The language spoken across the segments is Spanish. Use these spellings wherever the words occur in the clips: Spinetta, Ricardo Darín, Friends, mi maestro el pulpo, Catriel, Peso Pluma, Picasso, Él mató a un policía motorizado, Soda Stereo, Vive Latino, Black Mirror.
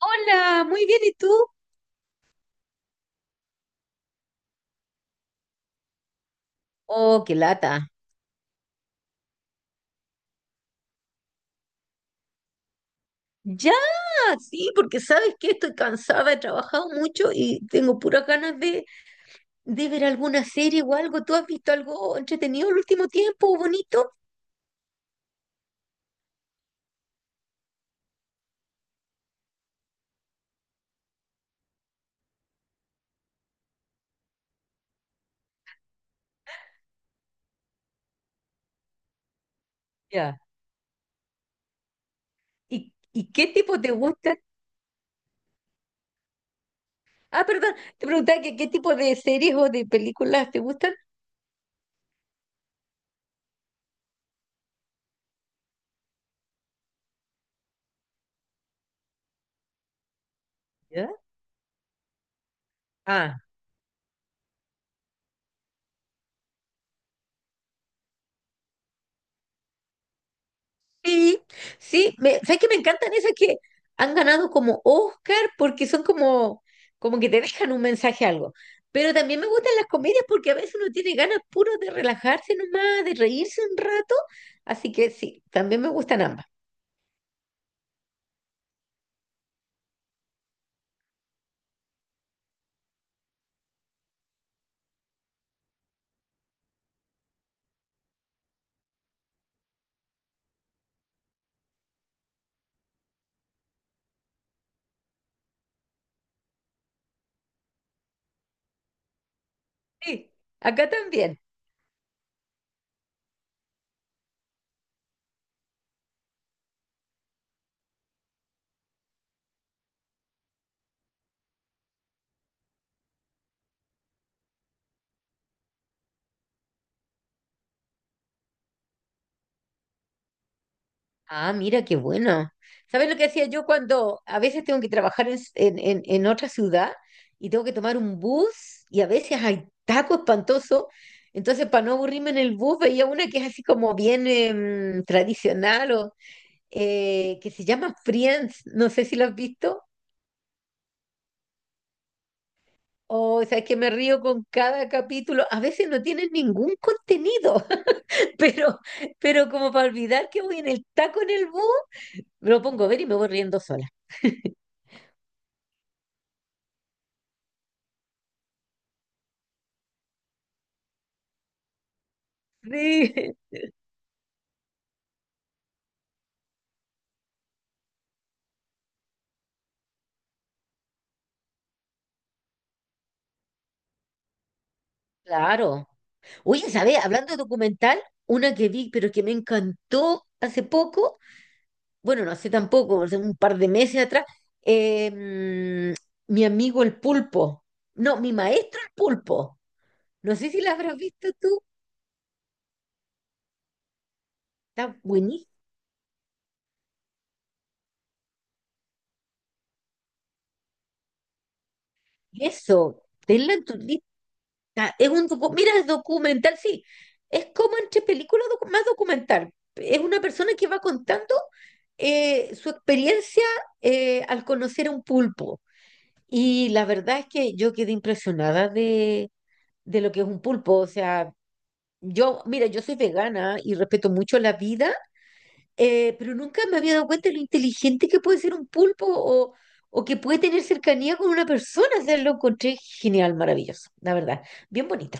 Hola, muy bien, ¿y tú? Oh, qué lata. Ya, sí, porque sabes que estoy cansada, he trabajado mucho y tengo puras ganas de ver alguna serie o algo. ¿Tú has visto algo entretenido el último tiempo, bonito? Ya. ¿Y qué tipo te gustan? Ah, perdón, te preguntaba que qué tipo de series o de películas te gustan. ¿Ya? Sí, sí, me, ¿sabes que me encantan esas que han ganado como Oscar porque son como, como que te dejan un mensaje algo? Pero también me gustan las comedias porque a veces uno tiene ganas puro de relajarse nomás, de reírse un rato. Así que sí, también me gustan ambas. Sí, acá también. Ah, mira, qué bueno. ¿Sabes lo que hacía yo cuando a veces tengo que trabajar en otra ciudad y tengo que tomar un bus y a veces hay taco espantoso? Entonces, para no aburrirme en el bus, veía una que es así como bien tradicional o que se llama Friends. No sé si lo has visto. Oh, O, sabes que me río con cada capítulo. A veces no tienen ningún contenido, pero, pero como para olvidar que voy en el taco en el bus, me lo pongo a ver y me voy riendo sola. Sí. Claro. Oye, ¿sabes? Hablando de documental, una que vi, pero que me encantó hace poco, bueno, no hace tampoco, hace un par de meses atrás, mi amigo el pulpo. No, mi maestro el pulpo. No sé si la habrás visto tú. Está buenísimo. Eso, tenla en tu lista. Mira, es documental, sí. Es como entre películas más documental. Es una persona que va contando su experiencia al conocer a un pulpo. Y la verdad es que yo quedé impresionada de lo que es un pulpo. O sea, yo, mira, yo soy vegana y respeto mucho la vida, pero nunca me había dado cuenta de lo inteligente que puede ser un pulpo o que puede tener cercanía con una persona. O sea, lo encontré genial, maravilloso, la verdad. Bien bonito.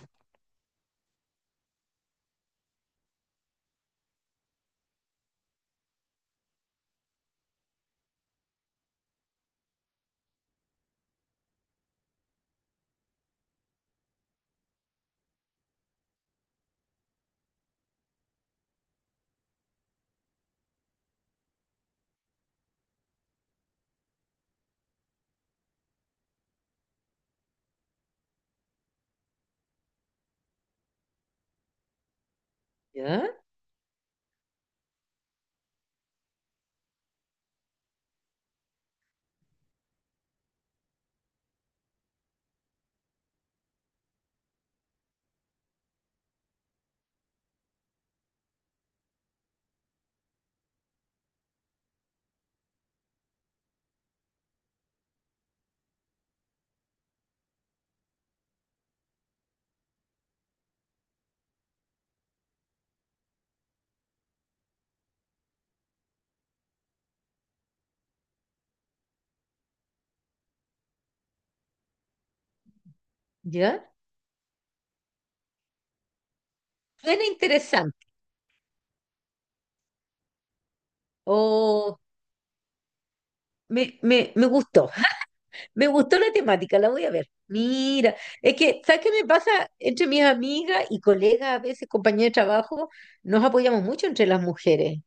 ¿Ya? ¿Ya? Suena interesante. O me gustó. Me gustó la temática, la voy a ver. Mira, es que, ¿sabes qué me pasa? Entre mis amigas y colegas, a veces compañeras de trabajo, nos apoyamos mucho entre las mujeres,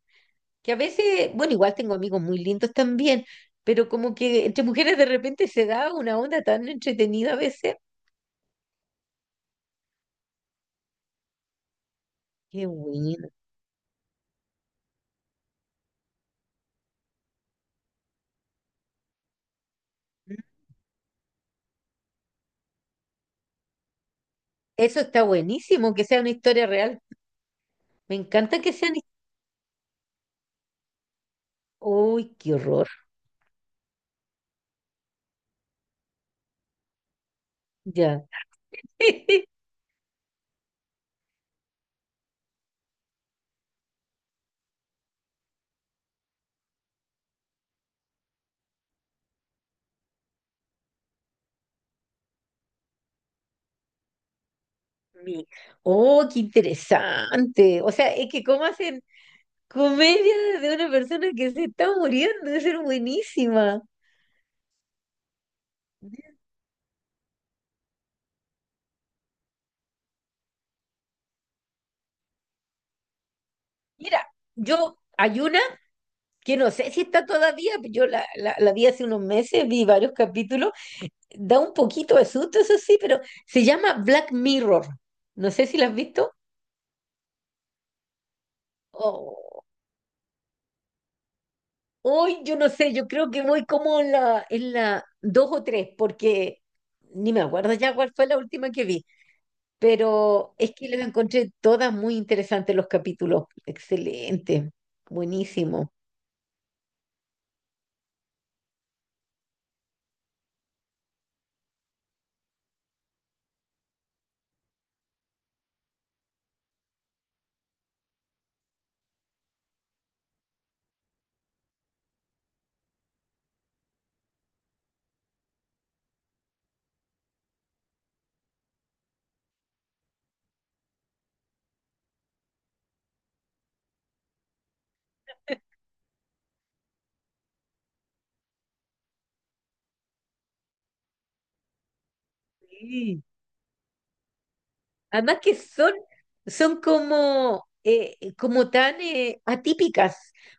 que a veces, bueno, igual tengo amigos muy lindos también, pero como que entre mujeres de repente se da una onda tan entretenida a veces. Qué bueno. Eso está buenísimo, que sea una historia real. Me encanta que sean... his- ¡Uy, qué horror! Ya. Mi- Oh, qué interesante. O sea, es que cómo hacen, comedia de una persona que se está muriendo, debe ser buenísima. Mira, yo hay una que no sé si está todavía, yo la vi hace unos meses, vi varios capítulos, da un poquito de susto, eso sí, pero se llama Black Mirror. No sé si la has visto. Oh, hoy yo no sé, yo creo que voy como en la dos o tres, porque ni me acuerdo ya cuál fue la última que vi. Pero es que los encontré todas muy interesantes los capítulos. Excelente, buenísimo. Sí. Además que son, son como, como tan atípicas,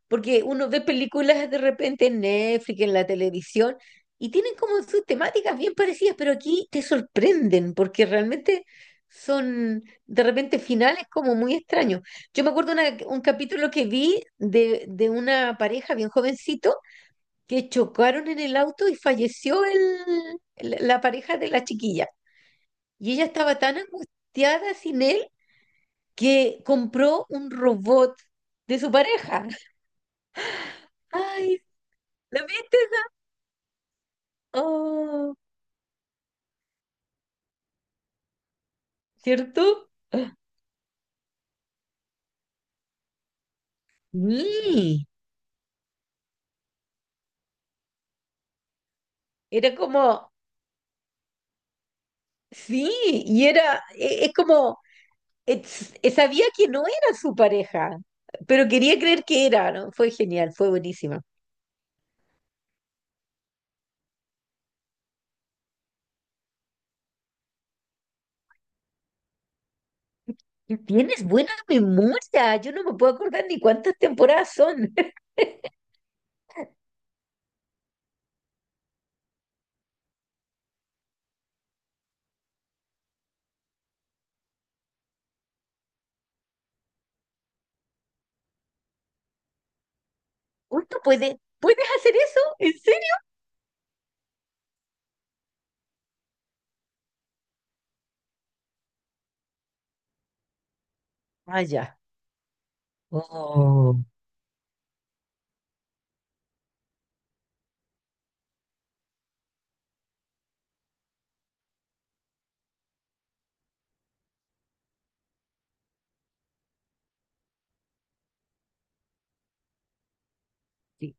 porque uno ve películas de repente en Netflix, en la televisión, y tienen como sus temáticas bien parecidas, pero aquí te sorprenden, porque realmente son de repente finales como muy extraños. Yo me acuerdo un capítulo que vi de una pareja bien jovencito que chocaron en el auto y falleció la pareja de la chiquilla. Y ella estaba tan angustiada sin él que compró un robot de su pareja. Ay, ¿lo viste? Oh, ¿cierto? Sí, era como, sí, y era, es como, sabía que no era su pareja, pero quería creer que era, ¿no? Fue genial, fue buenísima. Tienes buena memoria, yo no me puedo acordar ni cuántas temporadas son. Uy, ¿tú puedes, puedes hacer eso? ¿En serio? Ah, ya. Oh, sí.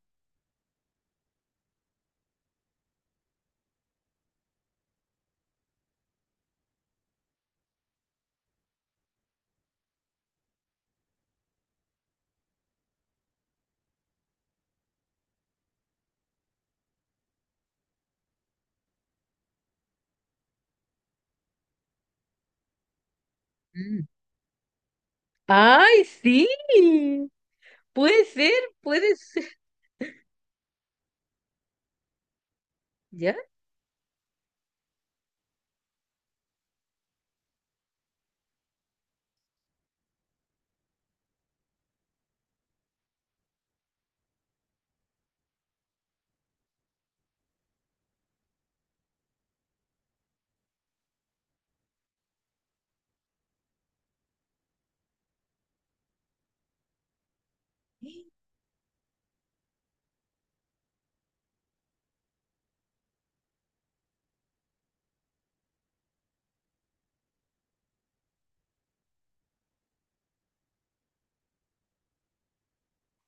Mm. ¡Ay, sí! Puede ser, puede ser. ¿Ya?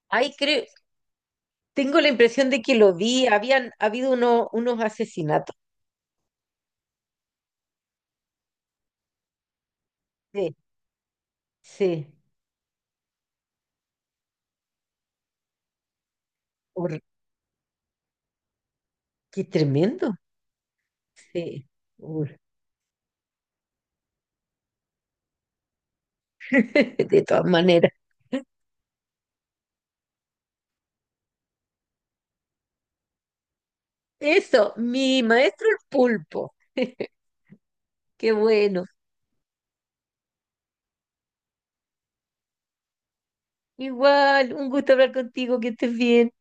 Ay, creo, tengo la impresión de que lo vi. Habían habido unos asesinatos. Sí, sí. Hor- qué tremendo. Sí. Hor- de todas maneras. Eso, mi maestro el pulpo. Qué bueno. Igual, un gusto hablar contigo, que estés bien.